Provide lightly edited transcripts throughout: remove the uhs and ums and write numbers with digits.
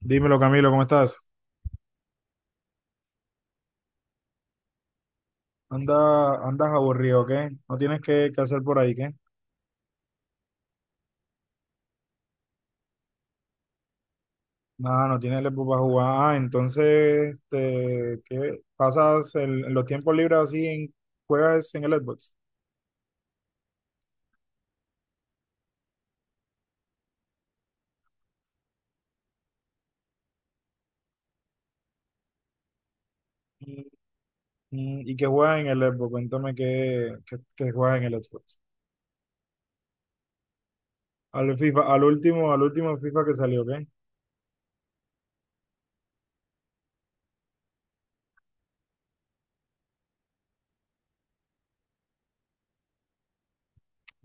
Dímelo, Camilo, ¿cómo estás? Anda, andas aburrido, ¿qué? No tienes que hacer por ahí, ¿qué? Nada, no tienes el para jugar. Ah, entonces, ¿qué? ¿Pasas en los tiempos libres así juegas en el Xbox? Mm, mm. ¿Y qué juegas en el Xbox? Cuéntame qué juegas en el Xbox. Al FIFA, al último FIFA que salió, ¿qué?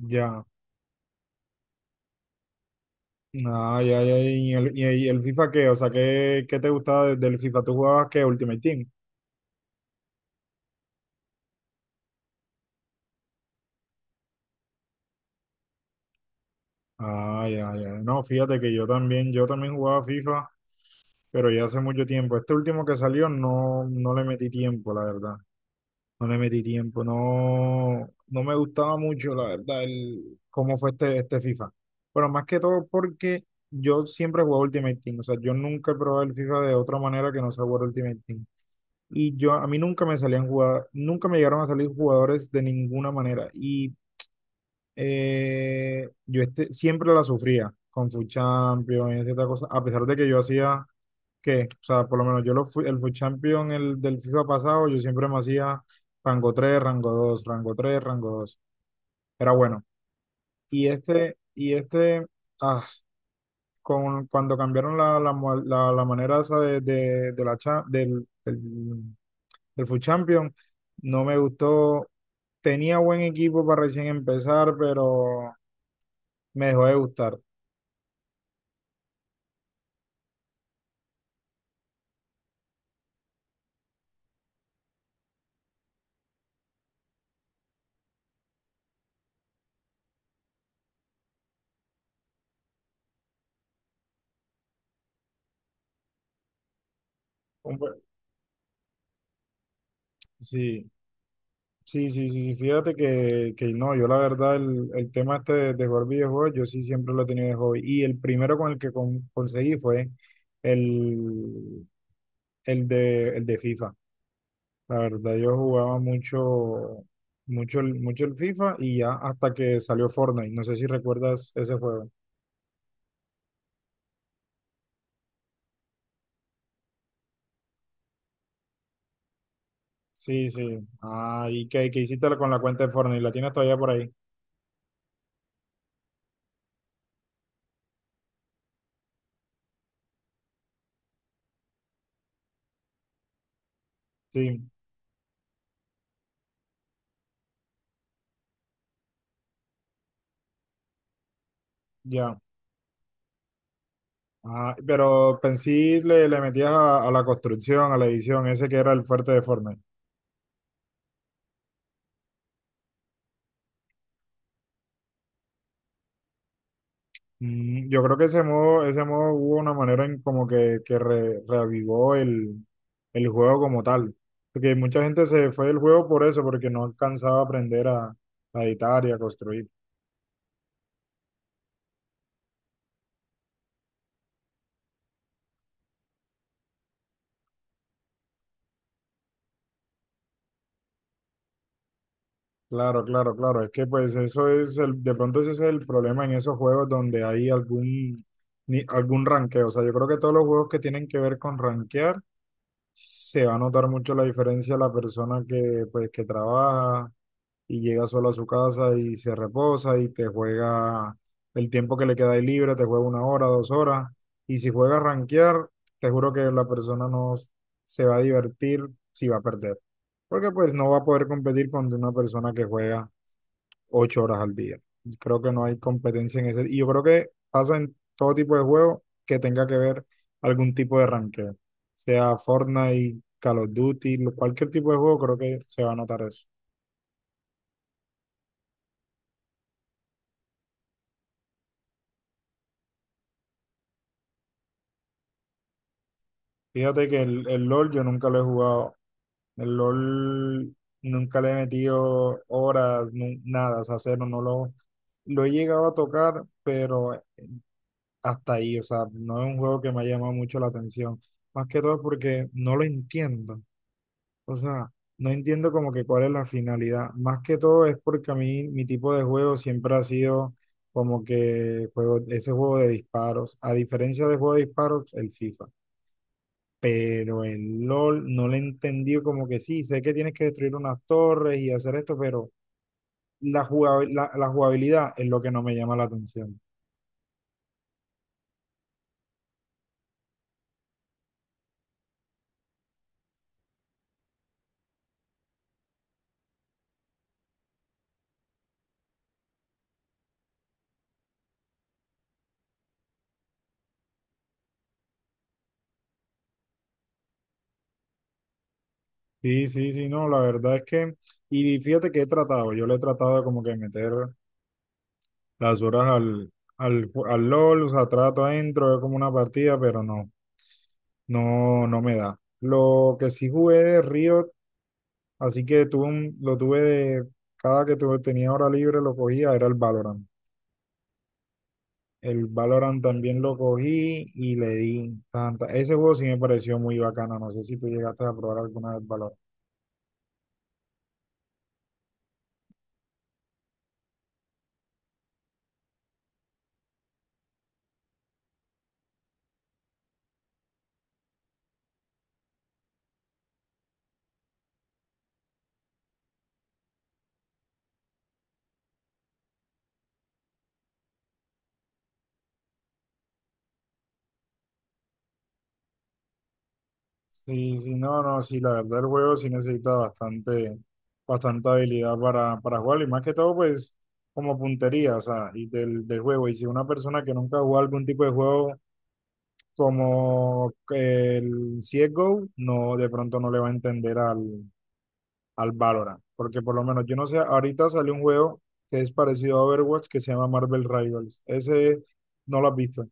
Ya. Ah, ya, ya. ¿Y y el FIFA qué? O sea, ¿qué, te gustaba del FIFA? ¿Tú jugabas qué? Ultimate Team. Ah, ya, ya. No, fíjate que yo también jugaba FIFA, pero ya hace mucho tiempo. Este último que salió no le metí tiempo, la verdad. No le metí tiempo. No, no me gustaba mucho, la verdad, cómo fue este FIFA. Pero más que todo porque yo siempre jugaba Ultimate Team. O sea, yo nunca he probado el FIFA de otra manera que no sea jugar Ultimate Team. Y a mí nunca me salían jugadas, nunca me llegaron a salir jugadores de ninguna manera. Y yo siempre la sufría con Food Champion y cierta cosa, a pesar de que yo hacía que, o sea, por lo menos yo lo fui, el Food Champion del FIFA pasado, yo siempre me hacía rango 3 rango 2 rango 3 rango dos. Era bueno. Y ah, cuando cambiaron la manera esa de la cha- del, del, del Food Champion, no me gustó. Tenía buen equipo para recién empezar, pero me dejó de gustar. Sí, sí, sí, sí, sí, fíjate que no, yo la verdad el tema este de jugar videojuegos, yo sí siempre lo he tenido de hobby. Y el primero con el que conseguí fue el, el de FIFA. La verdad, yo jugaba mucho, mucho, mucho el FIFA y ya hasta que salió Fortnite. No sé si recuerdas ese juego. Sí, sí. Ah, ¿y qué hiciste con la cuenta de Fortnite? ¿La tienes todavía por ahí? Sí, ya. Ah, pero pensé le metías a la construcción, a la edición, ese que era el fuerte de Fortnite. Yo creo que ese modo hubo una manera en como que reavivó el juego como tal. Porque mucha gente se fue del juego por eso, porque no alcanzaba a aprender a editar y a construir. Claro, claro, claro. Es que pues eso es de pronto ese es el problema en esos juegos donde hay algún, ni- algún ranqueo. O sea, yo creo que todos los juegos que tienen que ver con ranquear, se va a notar mucho la diferencia la persona que pues que trabaja y llega solo a su casa y se reposa y te juega el tiempo que le queda ahí libre, te juega 1 hora, 2 horas. Y si juega a rankear, te juro que la persona no se va a divertir, si va a perder. Porque pues no va a poder competir con una persona que juega 8 horas al día. Creo que no hay competencia en ese. Y yo creo que pasa en todo tipo de juego que tenga que ver algún tipo de ranqueo, sea Fortnite, Call of Duty, cualquier tipo de juego, creo que se va a notar eso. Fíjate que el LOL yo nunca lo he jugado. El LOL nunca le he metido horas, nada, o sea, cero, no lo he llegado a tocar, pero hasta ahí, o sea, no es un juego que me ha llamado mucho la atención. Más que todo porque no lo entiendo. O sea, no entiendo como que cuál es la finalidad. Más que todo es porque a mí mi tipo de juego siempre ha sido como que juego, ese juego de disparos. A diferencia de juego de disparos, el FIFA. Pero el LOL no le entendí como que sí, sé que tienes que destruir unas torres y hacer esto, pero la la jugabilidad es lo que no me llama la atención. Sí, sí, sí, no, la verdad es que, y fíjate que he tratado, yo le he tratado como que meter las horas al LOL, o sea, trato adentro, es como una partida, pero no me da. Lo que sí jugué de Riot, así que tuve lo tuve cada que tuve, tenía hora libre lo cogía, era el Valorant. El Valorant también lo cogí y le di tanta. Ese juego sí me pareció muy bacana, no sé si tú llegaste a probar alguna vez Valorant. Sí, sí, no, no, sí, la verdad el juego sí necesita bastante, bastante habilidad para jugar y más que todo pues como puntería, o sea, y del juego. Y si una persona que nunca ha jugado algún tipo de juego como el CSGO, no, de pronto no le va a entender al Valorant, porque por lo menos yo no sé, ahorita salió un juego que es parecido a Overwatch, que se llama Marvel Rivals. Ese no lo has visto.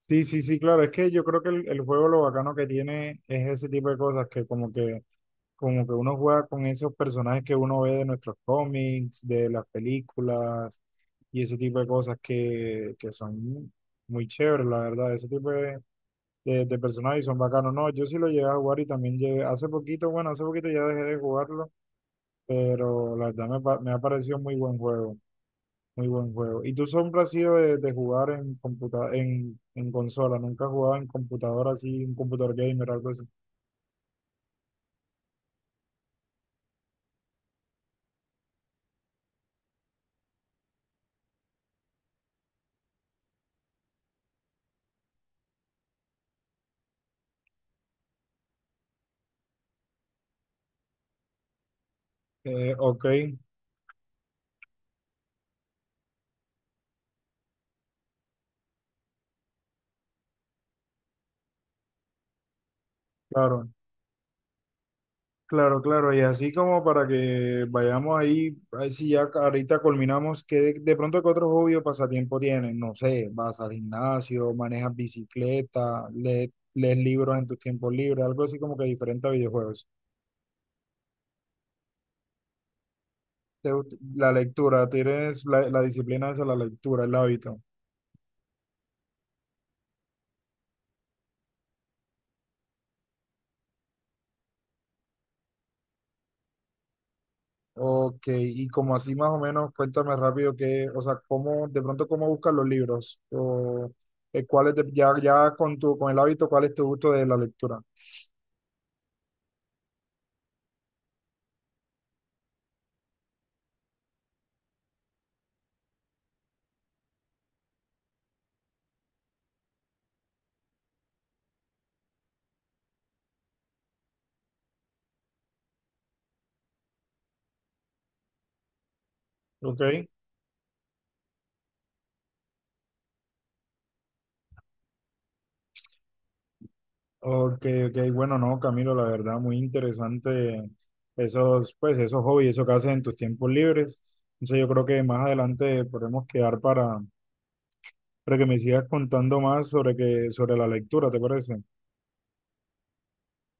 Sí, sí, sí, claro, es que yo creo que el juego lo bacano que tiene es ese tipo de cosas que como que uno juega con esos personajes que uno ve de nuestros cómics, de las películas, y ese tipo de cosas que son muy chéveres, la verdad. Ese tipo de personajes son bacanos. No, yo sí lo llegué a jugar y también llegué, hace poquito, bueno, hace poquito ya dejé de jugarlo, pero la verdad me ha parecido muy buen juego, muy buen juego. ¿Y tú siempre has sido de jugar en consola? ¿Nunca has jugado en computadora así, un computador gamer, algo así? Ok, claro. Claro, claro, y así como para que vayamos ahí, a ver si ya ahorita culminamos, que de pronto que otro hobby o pasatiempo tienes, no sé, vas al gimnasio, manejas bicicleta, lees libros en tus tiempos libres, algo así como que diferente a videojuegos. La lectura, tienes la disciplina esa, la lectura, el hábito. Ok, y como así más o menos, cuéntame rápido que, o sea, cómo, de pronto cómo buscas los libros, o cuáles, ya, con el hábito, cuál es tu gusto de la lectura, ¿ok? Ok, ok, bueno, no, Camilo, la verdad, muy interesante esos hobbies, eso que haces en tus tiempos libres. Entonces yo creo que más adelante podemos quedar para que me sigas contando más sobre la lectura, ¿te parece?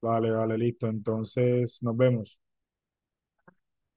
Vale, vale, listo. Entonces, nos vemos.